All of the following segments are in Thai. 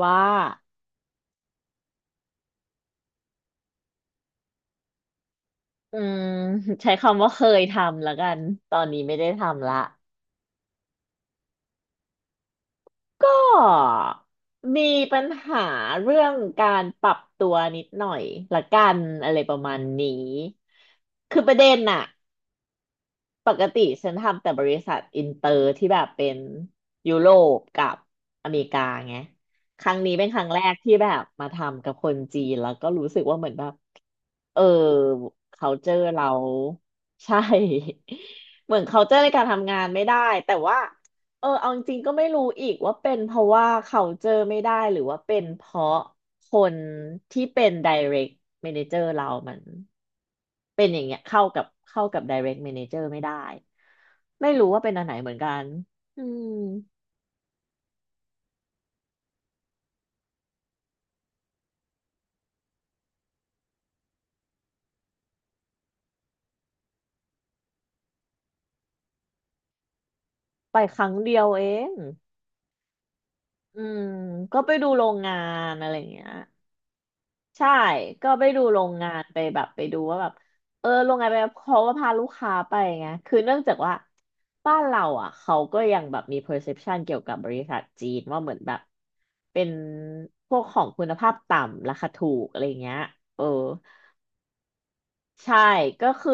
ว่าอืม ใช้คำว่าเคยทำแล้วกัน ตอนนี้ไม่ได้ทำละก็มีปัญหาเรื่องการปรับตัวนิดหน่อยละกันอะไรประมาณนี้ คือประเด็นน่ะ ปกติฉันทำแต่บริษัทอินเตอร์ที่แบบเป็นยุโรปกับอเมริกาไงครั้งนี้เป็นครั้งแรกที่แบบมาทำกับคนจีนแล้วก็รู้สึกว่าเหมือนแบบเออ culture เรา ใช่ เหมือน culture ในการทำงานไม่ได้แต่ว่าเออเอาจริงๆก็ไม่รู้อีกว่าเป็นเพราะว่า culture ไม่ได้หรือว่าเป็นเพราะ คนที่เป็น direct manager เรามันเป็นอย่างเงี้ยเข้ากับเข้ากับ direct manager ไม่ได้ไม่รู้ว่าเป็นอันไหนเหมือนกันอืมไปครั้งเดียวเองอืมก็ไปดูโรงงานอะไรอย่างเงี้ย ใช่ ก็ไปดูโรงงานไปแบบไปดูว่าแบบเออโรงงานไปเขาก็พาลูกค้าไปไงคือเนื่องจากว่าบ้านเราอ่ะเขาก็ยังแบบมี perception เกี่ยวกับบริษัทจีนว่าเหมือนแบบเป็นพวกของคุณภาพต่ำราคาถูกอะไรเงี้ยเออ ใช่ก็คือ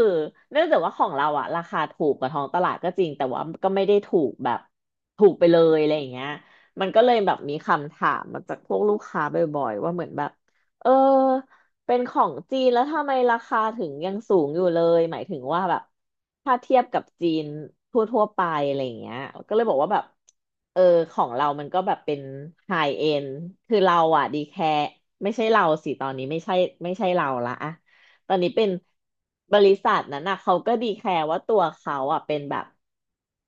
เนื่องจากว่าของเราอะราคาถูกกว่าท้องตลาดก็จริงแต่ว่าก็ไม่ได้ถูกแบบไปเลยอะไรอย่างเงี้ยมันก็เลยแบบมีคำถามมาจากพวกลูกค้าบ่อยๆว่าเหมือนแบบเออเป็นของจีนแล้วทำไมราคาถึงยังสูงอยู่เลยหมายถึงว่าแบบถ้าเทียบกับจีนทั่วๆไปอะไรอย่างเงี้ยก็เลยบอกว่าแบบเออของเรามันก็แบบเป็นไฮเอ็นคือเราอะดีแคร์ไม่ใช่เราสิตอนนี้ไม่ใช่เราละอะ ตอนนี้เป็นบริษัทนั้นนะเขาก็ดีแคร์ว่าตัวเขาอ่ะเป็นแบบ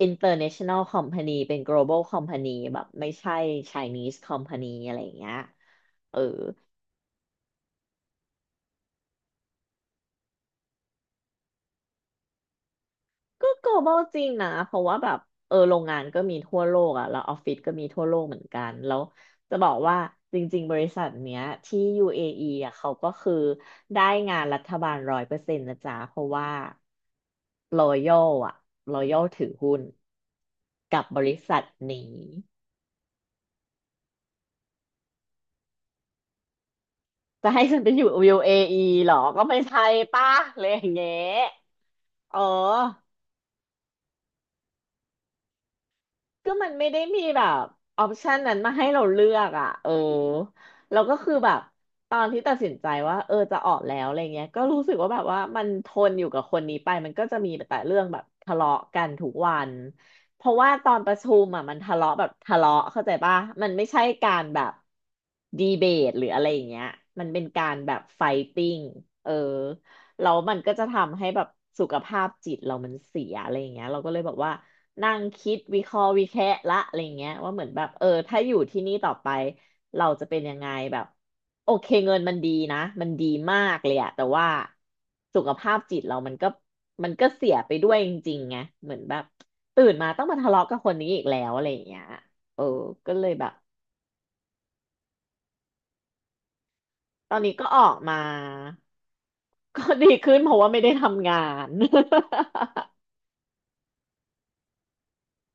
international company เป็น global company แบบไม่ใช่ Chinese company อะไรอย่างเงี้ยเออ ก็ global จริงนะเพราะว่าแบบเออโรงงานก็มีทั่วโลกอ่ะแล้วออฟฟิศก็มีทั่วโลกเหมือนกันแล้วจะบอกว่าจริงๆบริษัทเนี้ยที่ UAE ออีอ่ะเขาก็คือได้งานรัฐบาลร้อยเปอร์เซ็นต์นะจ๊ะเพราะว่า Royal อ่ะ Royal ถือหุ้นกับบริษัทนี้จะให้ฉันไปอยู่ UAE เออีเหรอก็ไม่ใช่ป่ะเลยอย่างเงี้ยเออ ก็มันไม่ได้มีแบบออปชันนั้นมาให้เราเลือกอ่ะเออเราก็คือแบบตอนที่ตัดสินใจว่าเออจะออกแล้วอะไรเงี้ยก็รู้สึกว่าแบบว่ามันทนอยู่กับคนนี้ไปมันก็จะมีแต่เรื่องแบบทะเลาะกันทุกวันเพราะว่าตอนประชุมอ่ะมันทะเลาะแบบทะเลาะเข้าใจป่ะมันไม่ใช่การแบบดีเบตหรืออะไรอย่างเงี้ยมันเป็นการแบบไฟติ้งเออแล้วมันก็จะทำให้แบบสุขภาพจิตเรามันเสียอะไรอย่างเงี้ยเราก็เลยบอกว่า นั่งคิดวิเคราะห์วิแคะละอะไรเงี้ยว่าเหมือนแบบเออถ้าอยู่ที่นี่ต่อไปเราจะเป็นยังไงแบบโอเคเงินมันดีนะมันดีมากเลยอะแต่ว่าสุขภาพจิตเรามันก็เสียไปด้วยจริงๆไงเหมือนแบบตื่นมาต้องมาทะเลาะกับคนนี้อีกแล้วอะไรอย่างเงี้ยเออก็เลยแบบตอนนี้ก็ออกมาก็ดีขึ้นเพราะว่าไม่ได้ทำงาน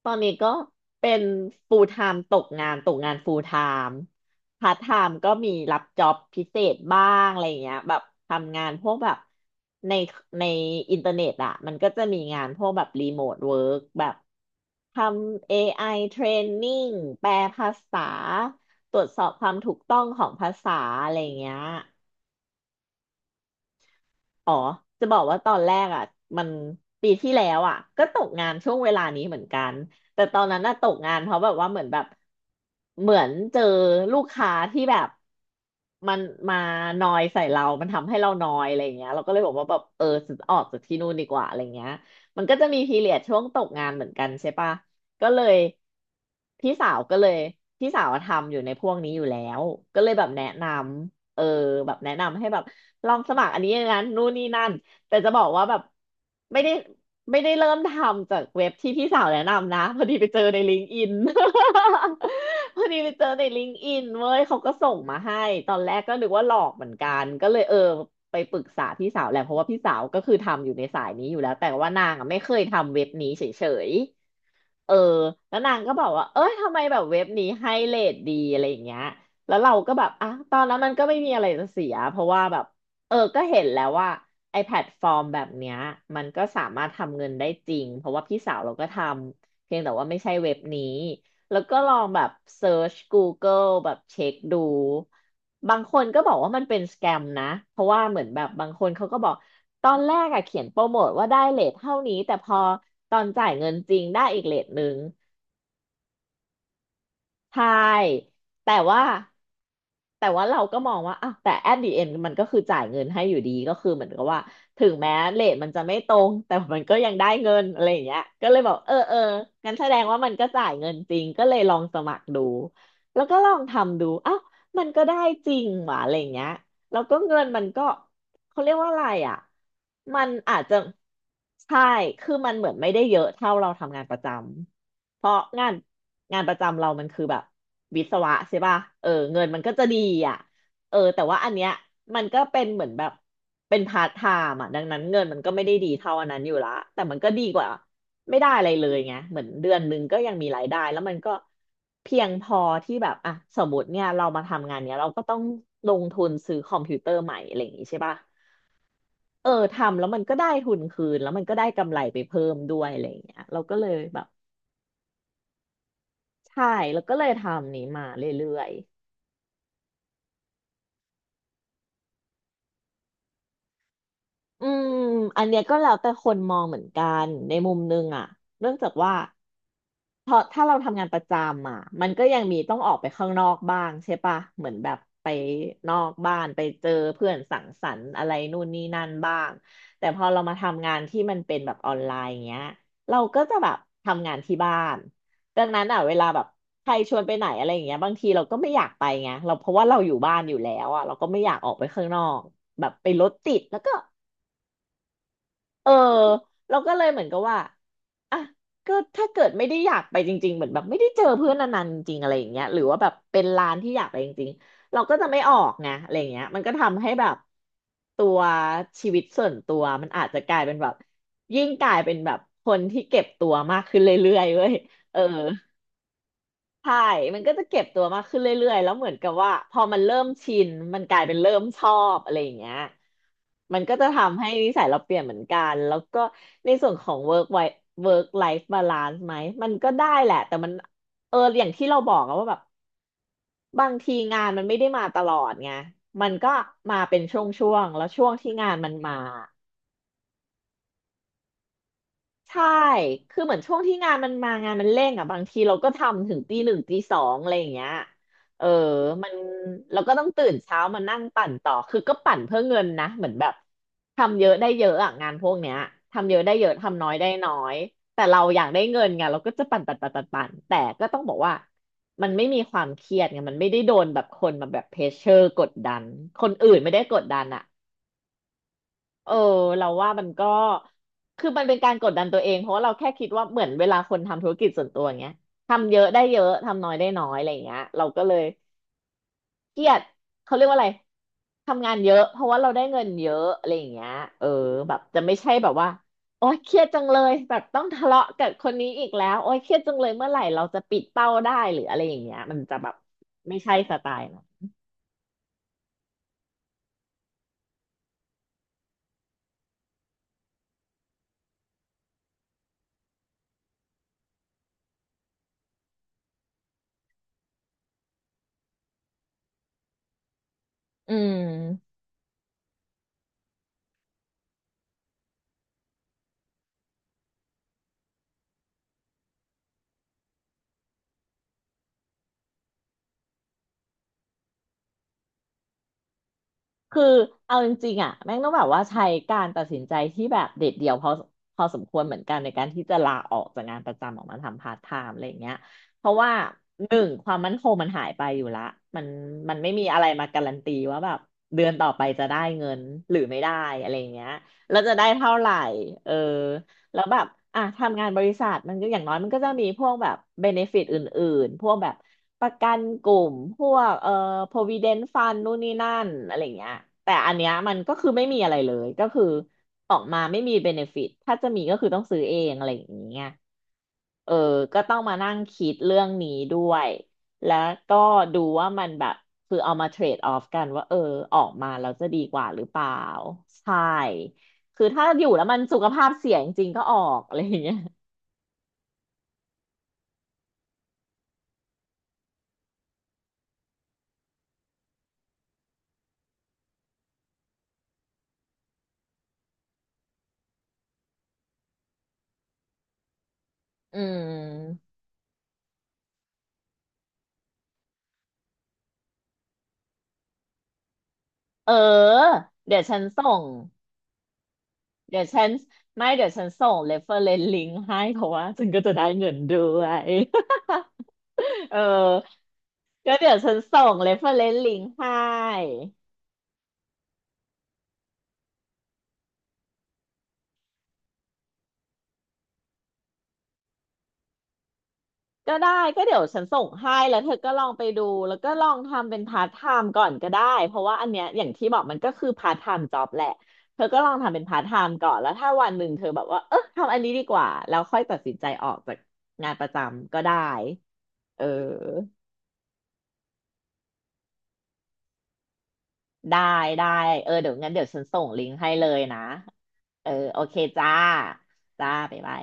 ตอนนี้ก็เป็น full time ตกงาน full time part time ก็มีรับจ็อบพิเศษบ้างอะไรอย่างเงี้ยแบบทำงานพวกแบบในในอินเทอร์เน็ตอ่ะมันก็จะมีงานพวกแบบรีโมทเวิร์กแบบทำ AI training แปลภาษาตรวจสอบความถูกต้องของภาษาอะไรอย่างเงี้ย อ๋อจะบอกว่าตอนแรกอ่ะมันปีที่แล้วอ่ะก็ตกงานช่วงเวลานี้เหมือนกันแต่ตอนนั้นน่ะตกงานเพราะแบบว่าเหมือนแบบเหมือนเจอลูกค้าที่แบบมันมานอยใส่เรา มันทำให้เรานอยอะไรอย่างเงี้ยเราก็เลยบอกว่าแบบเออฉันออกจากที่นู่นดีกว่าอะไรเงี้ยมันก็จะมีพีเรียดช่วงตกงานเหมือนกันใช่ปะก็เลยพี่สาวก็เลยพี่สาวอะทำอยู่ในพวกนี้อยู่แล้วก็เลยแบบแนะนำ เออแบบแนะนำให้แบบลองสมัครอันนี้อย่างนั้นนู่นนี่นั่นแต่จะบอกว่าแบบไม่ได้ไม่ได้เริ่มทำจากเว็บที่พี่สาวแนะนำนะพอดีไปเจอในลิงก์อิน พอดีไปเจอในลิงก์อินเว้ยเขาก็ส่งมาให้ตอนแรกก็นึกว่าหลอกเหมือนกันก็เลยไปปรึกษาพี่สาวแหละเพราะว่าพี่สาวก็คือทำอยู่ในสายนี้อยู่แล้วแต่ว่านางอ่ะไม่เคยทำเว็บนี้เฉยๆ เออแล้วนางก็บอกว่าเอ้ยทำไมแบบเว็บนี้ให้เรทดีอะไรอย่างเงี้ยแล้วเราก็แบบอ่ะตอนนั้นมันก็ไม่มีอะไรจะเสียเพราะว่าแบบก็เห็นแล้วว่าไอแพลตฟอร์มแบบเนี้ยมันก็สามารถทำเงินได้จริงเพราะว่าพี่สาวเราก็ทำเพียงแต่ว่าไม่ใช่เว็บนี้ แล้วก็ลองแบบเซิร์ช Google แบบเช็คดู บางคนก็บอกว่ามันเป็นสแกมนะ เพราะว่าเหมือนแบบบางคนเขาก็บอกตอนแรกอะเขียนโปรโมทว่าได้เรทเท่านี้แต่พอตอนจ่ายเงินจริงได้อีกเรทหนึ่ง ใช่แต่ว่าแต่ว่าเราก็มองว่าอ่ะแต่ at the end มันก็คือจ่ายเงินให้อยู่ดีก็คือเหมือนกับว่าถึงแม้เรทมันจะไม่ตรงแต่มันก็ยังได้เงินอะไรอย่างเงี้ยก็เลยบอกเอองั้นแสดงว่ามันก็จ่ายเงินจริงก็เลยลองสมัครดูแล้วก็ลองทำดูอ้าวมันก็ได้จริงหว่ะอะไรอย่างเงี้ยแล้วก็เงินมันก็ เขาเรียกว่าอะไรอ่ะมันอาจจะใช่คือมันเหมือนไม่ได้เยอะเท่าเราทำงานประจำ เพราะงานงานประจำเรามันคือแบบวิศวะใช่ป่ะเออเงินมันก็จะดีอ่ะเออแต่ว่าอันเนี้ยมันก็เป็นเหมือนแบบเป็นพาร์ทไทม์อ่ะดังนั้นเงินมันก็ไม่ได้ดีเท่าอันนั้นอยู่ละแต่มันก็ดีกว่าไม่ได้อะไรเลยไงเหมือนเดือนหนึ่งก็ยังมีรายได้แล้วมันก็เพียงพอที่แบบอ่ะสมมติเนี่ยเรามาทำงานเนี้ยเราก็ต้องลงทุนซื้อคอมพิวเตอร์ใหม่อะไรอย่างงี้ใช่ป่ะ เออทำแล้วมันก็ได้ทุนคืนแล้วมันก็ได้กำไรไปเพิ่มด้วยอะไรอย่างเงี้ยเราก็เลยแบบใช่แล้วก็เลยทำนี้มาเรื่อยๆอืมอันเนี้ยก็แล้วแต่คนมองเหมือนกันในมุมนึงอะเนื่องจากว่า เพราะถ้าเราทำงานประจำอ่ะมันก็ยังมีต้องออกไปข้างนอกบ้างใช่ปะเหมือนแบบไปนอกบ้านไปเจอเพื่อนสังสรรค์อะไรนู่นนี่นั่นบ้างแต่พอเรามาทำงานที่มันเป็นแบบออนไลน์อย่างเงี้ยเราก็จะแบบทำงานที่บ้านดังนั้นอ่ะเวลาแบบใครชวนไปไหนอะไรอย่างเงี้ยบางทีเราก็ไม่อยากไปไงเราเพราะว่าเราอยู่บ้านอยู่แล้วอ่ะเราก็ไม่อยากออกไปข้างนอกแบบไปรถติดแล้วก็ เออเราก็เลยเหมือนกับว่าอ่ะก็ถ้าเกิดไม่ได้อยากไปจริงๆเหมือนแบบไม่ได้เจอเพื่อนนานๆจริงๆอะไรอย่างเงี้ยหรือว่าแบบเป็นร้านที่อยากไปจริงๆเราก็จะไม่ออกไงอะไรอย่างเงี้ยมันก็ทำให้แบบตัวชีวิตส่วนตัวมันอาจจะกลายเป็นแบบยิ่งกลายเป็นแบบคนที่เก็บตัวมากขึ้นเรื่อยๆเว้ยเออ ใช่มันก็จะเก็บตัวมากขึ้นเรื่อยๆแล้วเหมือนกับว่าพอมันเริ่มชินมันกลายเป็นเริ่มชอบอะไรอย่างเงี้ยมันก็จะทำให้นิสัยเราเปลี่ยนเหมือนกัน แล้วก็ในส่วนของ work life balance ไหมมันก็ได้แหละแต่มันเอออย่างที่เราบอกอะว่าแบบบางทีงานมันไม่ได้มาตลอดไงมันก็มาเป็นช่วงๆแล้วช่วงที่งานมันมา ใช่ คือเหมือนช่วงที่งานมันมางานมันเร่งอ่ะบางทีเราก็ทำถึงตีหนึ่งตีสองอะไรอย่างเงี้ยเออมันเราก็ต้องตื่นเช้ามานั่งปั่นต่อคือก็ปั่นเพื่อเงินนะเหมือนแบบทำเยอะได้เยอะอ่ะงานพวกเนี้ยทำเยอะได้เยอะทำน้อยได้น้อยแต่เราอยากได้เงินไงเราก็จะปั่นแต่ก็ต้องบอกว่ามันไม่มีความเครียดไงมันไม่ได้โดนแบบคนมาแบบเพรสเชอร์กดดันคนอื่นไม่ได้กดดันอ่ะ เออเราว่ามันก็คือมันเป็นการกดดันตัวเองเพราะว่าเราแค่คิดว่าเหมือนเวลาคนทำธุรกิจส่วนตัวอย่างเงี้ยทำเยอะได้เยอะทำน้อยได้น้อยอะไรอย่างเงี้ยเราก็เลยเครียดเขาเรียกว่าอะไรทำงานเยอะเพราะว่าเราได้เงินเยอะอะไรอย่างเงี้ยเออแบบจะไม่ใช่แบบว่าโอ๊ยเครียดจังเลยแบบต้องทะเลาะกับคนนี้อีกแล้วโอ๊ยเครียดจังเลยเมื่อไหร่เราจะปิดเป้าได้หรืออะไรอย่างเงี้ยมันจะแบบไม่ใช่สไตล์เราอืม คือเอาจริงๆอ่ะแม่งต้องแบบว่าใช้การตัดสินใจที่แบบเด็ดเดี่ยวพอสมควรเหมือนกันในการที่จะลาออกจากงานประจำออกมาทำพาร์ทไทม์อะไรอย่างเงี้ยเพราะว่าหนึ่งความมั่นคงมันหายไปอยู่ละมันมันไม่มีอะไรมาการันตีว่าแบบเดือนต่อไปจะได้เงินหรือไม่ได้อะไรอย่างเงี้ยแล้วจะได้เท่าไหร่เออ แล้วแบบอ่ะทำงานบริษัทมันก็อย่างน้อยมันก็จะมีพวกแบบเบเนฟิตอื่นๆ พวกแบบประกันกลุ่มพวกprovident fund นู่นนี่นั่นอะไรเงี้ยแต่อันเนี้ยมันก็คือไม่มีอะไรเลยก็คือออกมาไม่มีเบเนฟิตถ้าจะมีก็คือต้องซื้อเองอะไรอย่างเงี้ย เออก็ต้องมานั่งคิดเรื่องนี้ด้วย แล้วก็ดูว่ามันแบบคือเอามาเทรดออฟกันว่าเออออกมาแล้วจะดีกว่าหรือเปล่าใช่คือถ้าอยู่แล้วมันสุขภาพเสียจริงๆก็ออกอะไรอย่างเงี้ยอืมเออเดี๋ยวฉันส่งเดี๋ยวฉันไม่เดี๋ยวฉันส่ง reference link ให้เพราะว่าฉันก็จะได้เงินด้วย เออก็เดี๋ยวฉันส่ง reference link ให้ ก็ได้ก็เดี๋ยวฉันส่งให้แล้วเธอก็ลองไปดูแล้วก็ลองทำเป็นพาร์ทไทม์ก่อนก็ได้เพราะว่าอันเนี้ยอย่างที่บอกมันก็คือพาร์ทไทม์จ็อบแหละเธอก็ลองทำเป็นพาร์ทไทม์ก่อนแล้วถ้าวันหนึ่งเธอแบบว่าเออทำอันนี้ดีกว่าแล้วค่อยตัดสินใจออกจากงานประจำก็ได้เออได้ได้เออเดี๋ยวงั้นเดี๋ยวฉันส่งลิงก์ให้เลยนะเออโอเคจ้าจ้าบ๊ายบาย